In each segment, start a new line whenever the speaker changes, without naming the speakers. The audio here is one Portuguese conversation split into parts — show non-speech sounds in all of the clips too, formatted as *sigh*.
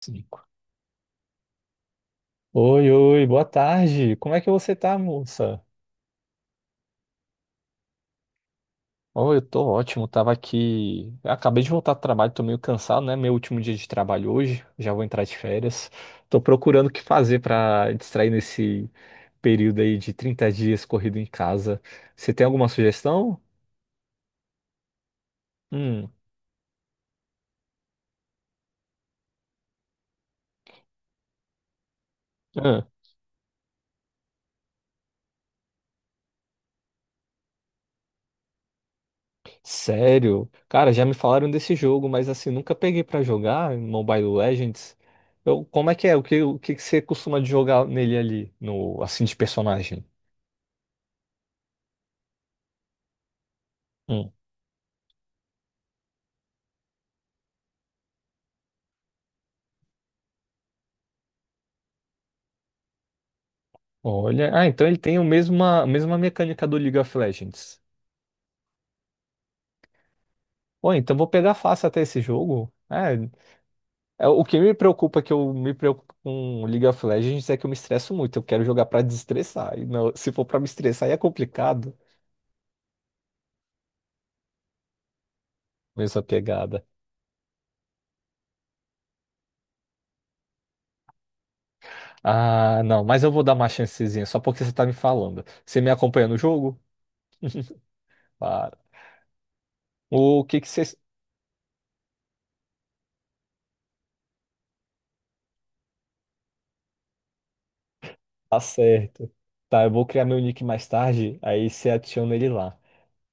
Cinco. Oi, oi, boa tarde. Como é que você tá, moça? Oh, eu tô ótimo, tava aqui, eu acabei de voltar do trabalho, tô meio cansado, né? Meu último dia de trabalho hoje, já vou entrar de férias. Tô procurando o que fazer pra distrair nesse período aí de 30 dias corrido em casa. Você tem alguma sugestão? Hum. Sério? Cara, já me falaram desse jogo, mas assim, nunca peguei pra jogar em Mobile Legends. Como é que é? O que que você costuma de jogar nele ali, no assim de personagem? Hum. Olha, ah, então ele tem a mesma mecânica do League of Legends. Pô, então vou pegar fácil até esse jogo. É, o que me preocupa, que eu me preocupo com o League of Legends, é que eu me estresso muito. Eu quero jogar pra desestressar. Se for pra me estressar, aí é complicado. Mesma pegada. Ah, não, mas eu vou dar uma chancezinha, só porque você tá me falando. Você me acompanha no jogo? Para. O que que você. Tá certo. Tá, eu vou criar meu nick mais tarde, aí você adiciona ele lá.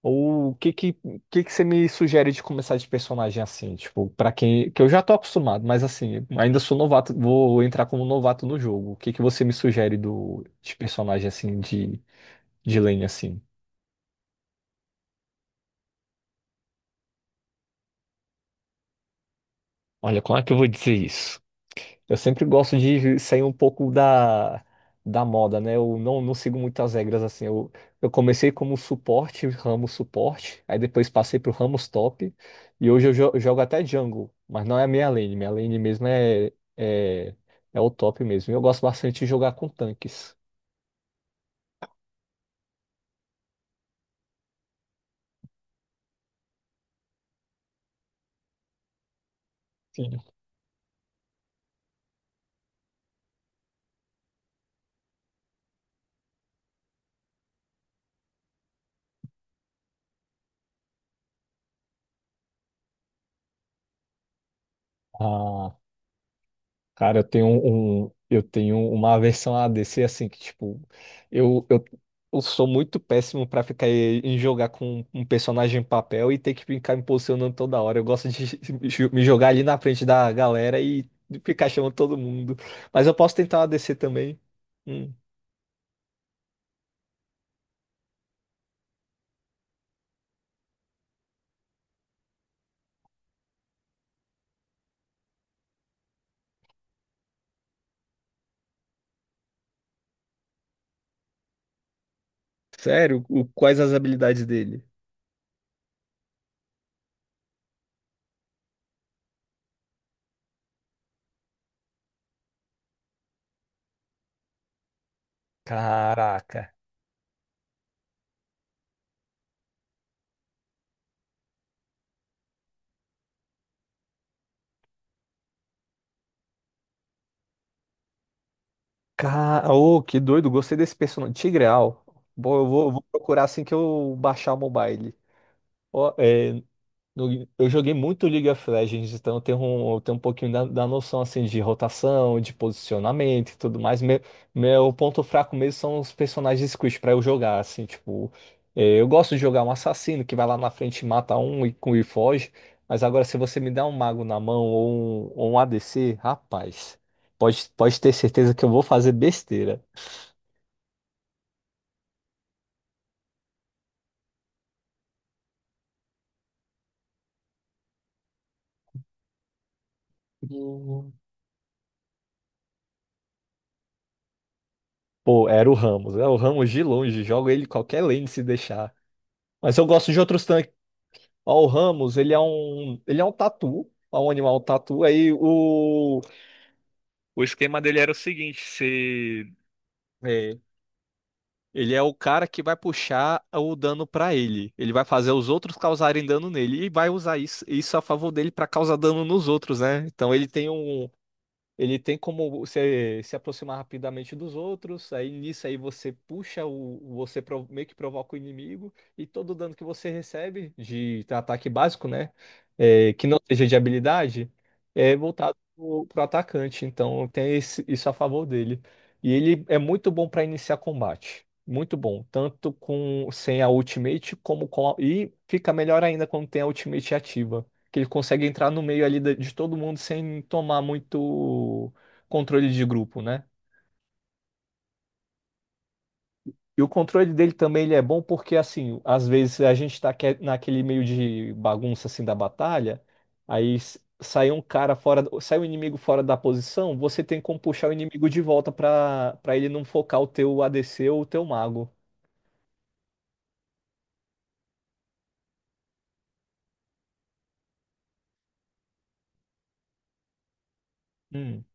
O que que você me sugere de começar de personagem assim? Tipo, pra quem. Que eu já tô acostumado, mas assim, ainda sou novato, vou entrar como novato no jogo. O que que você me sugere de personagem assim, de lane assim? Olha, como é que eu vou dizer isso? Eu sempre gosto de sair um pouco da moda, né? Eu não sigo muitas regras assim. Eu comecei como suporte, ramo suporte, aí depois passei pro ramo top, e hoje eu jogo até jungle, mas não é a minha lane. Minha lane mesmo é, é o top mesmo. Eu gosto bastante de jogar com tanques. Sim. Cara, eu tenho uma aversão a DC assim que tipo, eu, eu, eu sou muito péssimo pra ficar em jogar com um personagem em papel e ter que ficar me posicionando toda hora. Eu gosto de *laughs* me jogar ali na frente da galera e ficar chamando todo mundo. Mas eu posso tentar uma DC também. Hum, sério? Quais as habilidades dele? Caraca. Cara, ô, que doido, gostei desse personagem. Tigreal. Bom, eu vou procurar assim que eu baixar o mobile. Ó, é, eu joguei muito League of Legends, então eu tenho um pouquinho da noção assim de rotação, de posicionamento e tudo mais. Meu ponto fraco mesmo são os personagens squishy pra eu jogar, assim, tipo, é, eu gosto de jogar um assassino que vai lá na frente e mata um e foge, mas agora se você me dá um mago na mão ou ou um ADC, rapaz, pode ter certeza que eu vou fazer besteira. Hum. Pô, era o Ramos. É o Ramos de longe. Jogo ele em qualquer lane se deixar. Mas eu gosto de outros. Ó, o Ramos, ele é um, tatu, é um animal tatu. Aí o esquema dele era o seguinte, se é, ele é o cara que vai puxar o dano pra ele. Ele vai fazer os outros causarem dano nele e vai usar isso a favor dele pra causar dano nos outros, né? Então ele tem um ele tem como se aproximar rapidamente dos outros, aí nisso aí você puxa o, você pro- meio que provoca o inimigo e todo o dano que você recebe de ataque básico, né, é, que não seja de habilidade, é voltado pro atacante. Então tem isso a favor dele. E ele é muito bom para iniciar combate, muito bom, tanto com sem a ultimate como e fica melhor ainda quando tem a ultimate ativa que ele consegue entrar no meio ali de todo mundo sem tomar muito controle de grupo, né? E o controle dele também ele é bom porque, assim, às vezes a gente tá naquele meio de bagunça, assim, da batalha, aí sai um cara fora, sai um inimigo fora da posição, você tem como puxar o inimigo de volta pra para ele não focar o teu ADC ou o teu mago. Hum.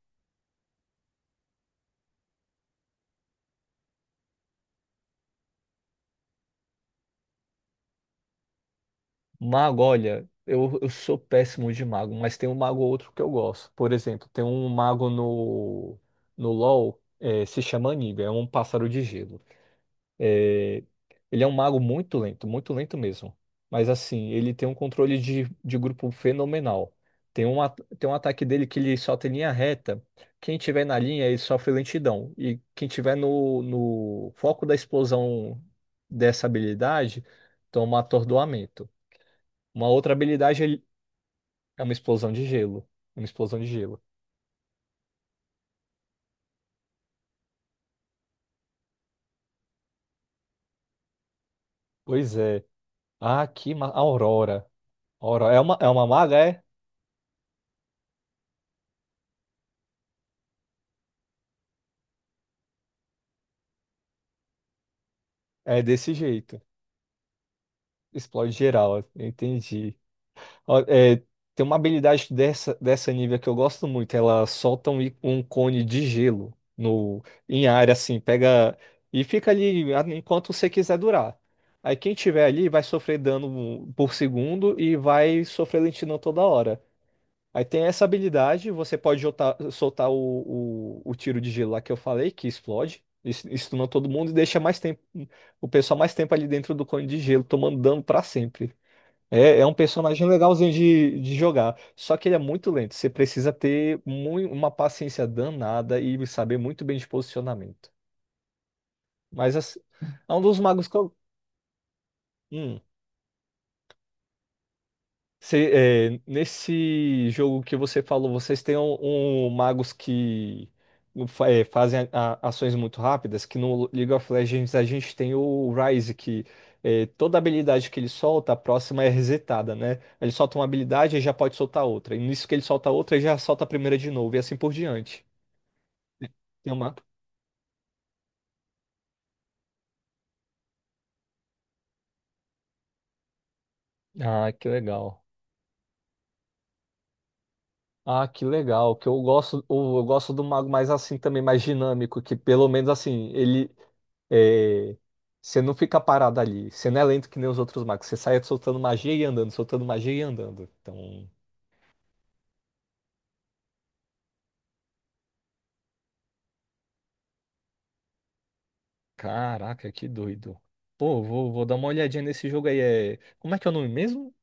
Mago, olha, eu sou péssimo de mago, mas tem um mago ou outro que eu gosto. Por exemplo, tem um mago no LoL, se chama Aniga, é um pássaro de gelo. Eh, Ele é um mago muito lento mesmo. Mas assim, ele tem um controle de grupo fenomenal. Tem um ataque dele que ele solta em linha reta. Quem tiver na linha, ele sofre lentidão. E quem tiver no foco da explosão dessa habilidade, toma atordoamento. Uma outra habilidade é uma explosão de gelo. Uma explosão de gelo. Pois é. Ah, Aurora. Aurora. É uma maga, é? É desse jeito. Explode geral. Entendi. Ó, é, tem uma habilidade dessa nível que eu gosto muito. Ela solta um cone de gelo no, em área, assim. Pega e fica ali enquanto você quiser durar. Aí quem tiver ali vai sofrer dano por segundo e vai sofrer lentidão toda hora. Aí tem essa habilidade, você pode soltar o tiro de gelo lá que eu falei, que explode, isso estuna todo mundo e deixa mais tempo, o pessoal mais tempo ali dentro do cone de gelo, tomando dano pra sempre. É, é um personagem legalzinho de jogar, só que ele é muito lento, você precisa ter uma paciência danada e saber muito bem de posicionamento. Mas assim, é um dos magos que eu. Hum. Cê- Nesse jogo que você falou, vocês têm um magos que fazem ações muito rápidas, que no League of Legends a gente tem o Ryze, que toda habilidade que ele solta, a próxima é resetada, né? Ele solta uma habilidade e já pode soltar outra. E nisso que ele solta outra, ele já solta a primeira de novo, e assim por diante. Tem uma... Ah, que legal. Ah, que legal, que eu gosto, eu gosto do mago mais assim também, mais dinâmico, que pelo menos assim, É, você não fica parado ali. Você não é lento que nem os outros magos. Você sai soltando magia e andando, soltando magia e andando. Então, caraca, que doido. Pô, vou dar uma olhadinha nesse jogo aí. Como é que é o nome mesmo?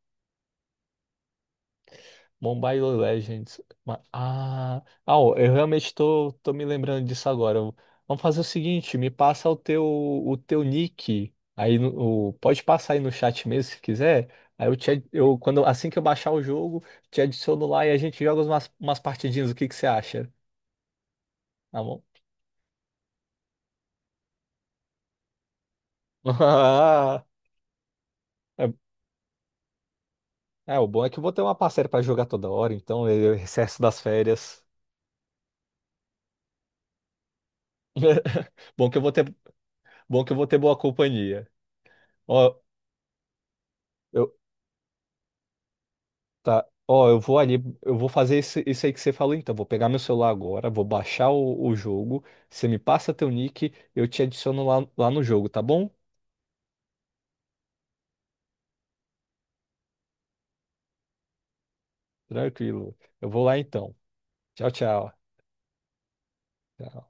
Mobile Legends. Ah, ó, eu realmente tô me lembrando disso agora. Vamos fazer o seguinte, me passa o teu nick aí no, o- pode passar aí no chat mesmo se quiser. Aí eu quando assim que eu baixar o jogo, te adiciono lá e a gente joga umas partidinhas. O que que você acha? Tá bom? *laughs* Ah, É, é, o bom é que eu vou ter uma parceira pra jogar toda hora, então eu recesso das férias. *laughs* Bom que eu vou ter, bom que eu vou ter boa companhia. Ó, eu Tá. Ó, eu vou ali, eu vou fazer isso aí que você falou, então. Vou pegar meu celular agora, vou baixar o jogo. Você me passa teu nick, eu te adiciono lá no jogo, tá bom? Tranquilo. Eu vou lá então. Tchau, tchau. Tchau.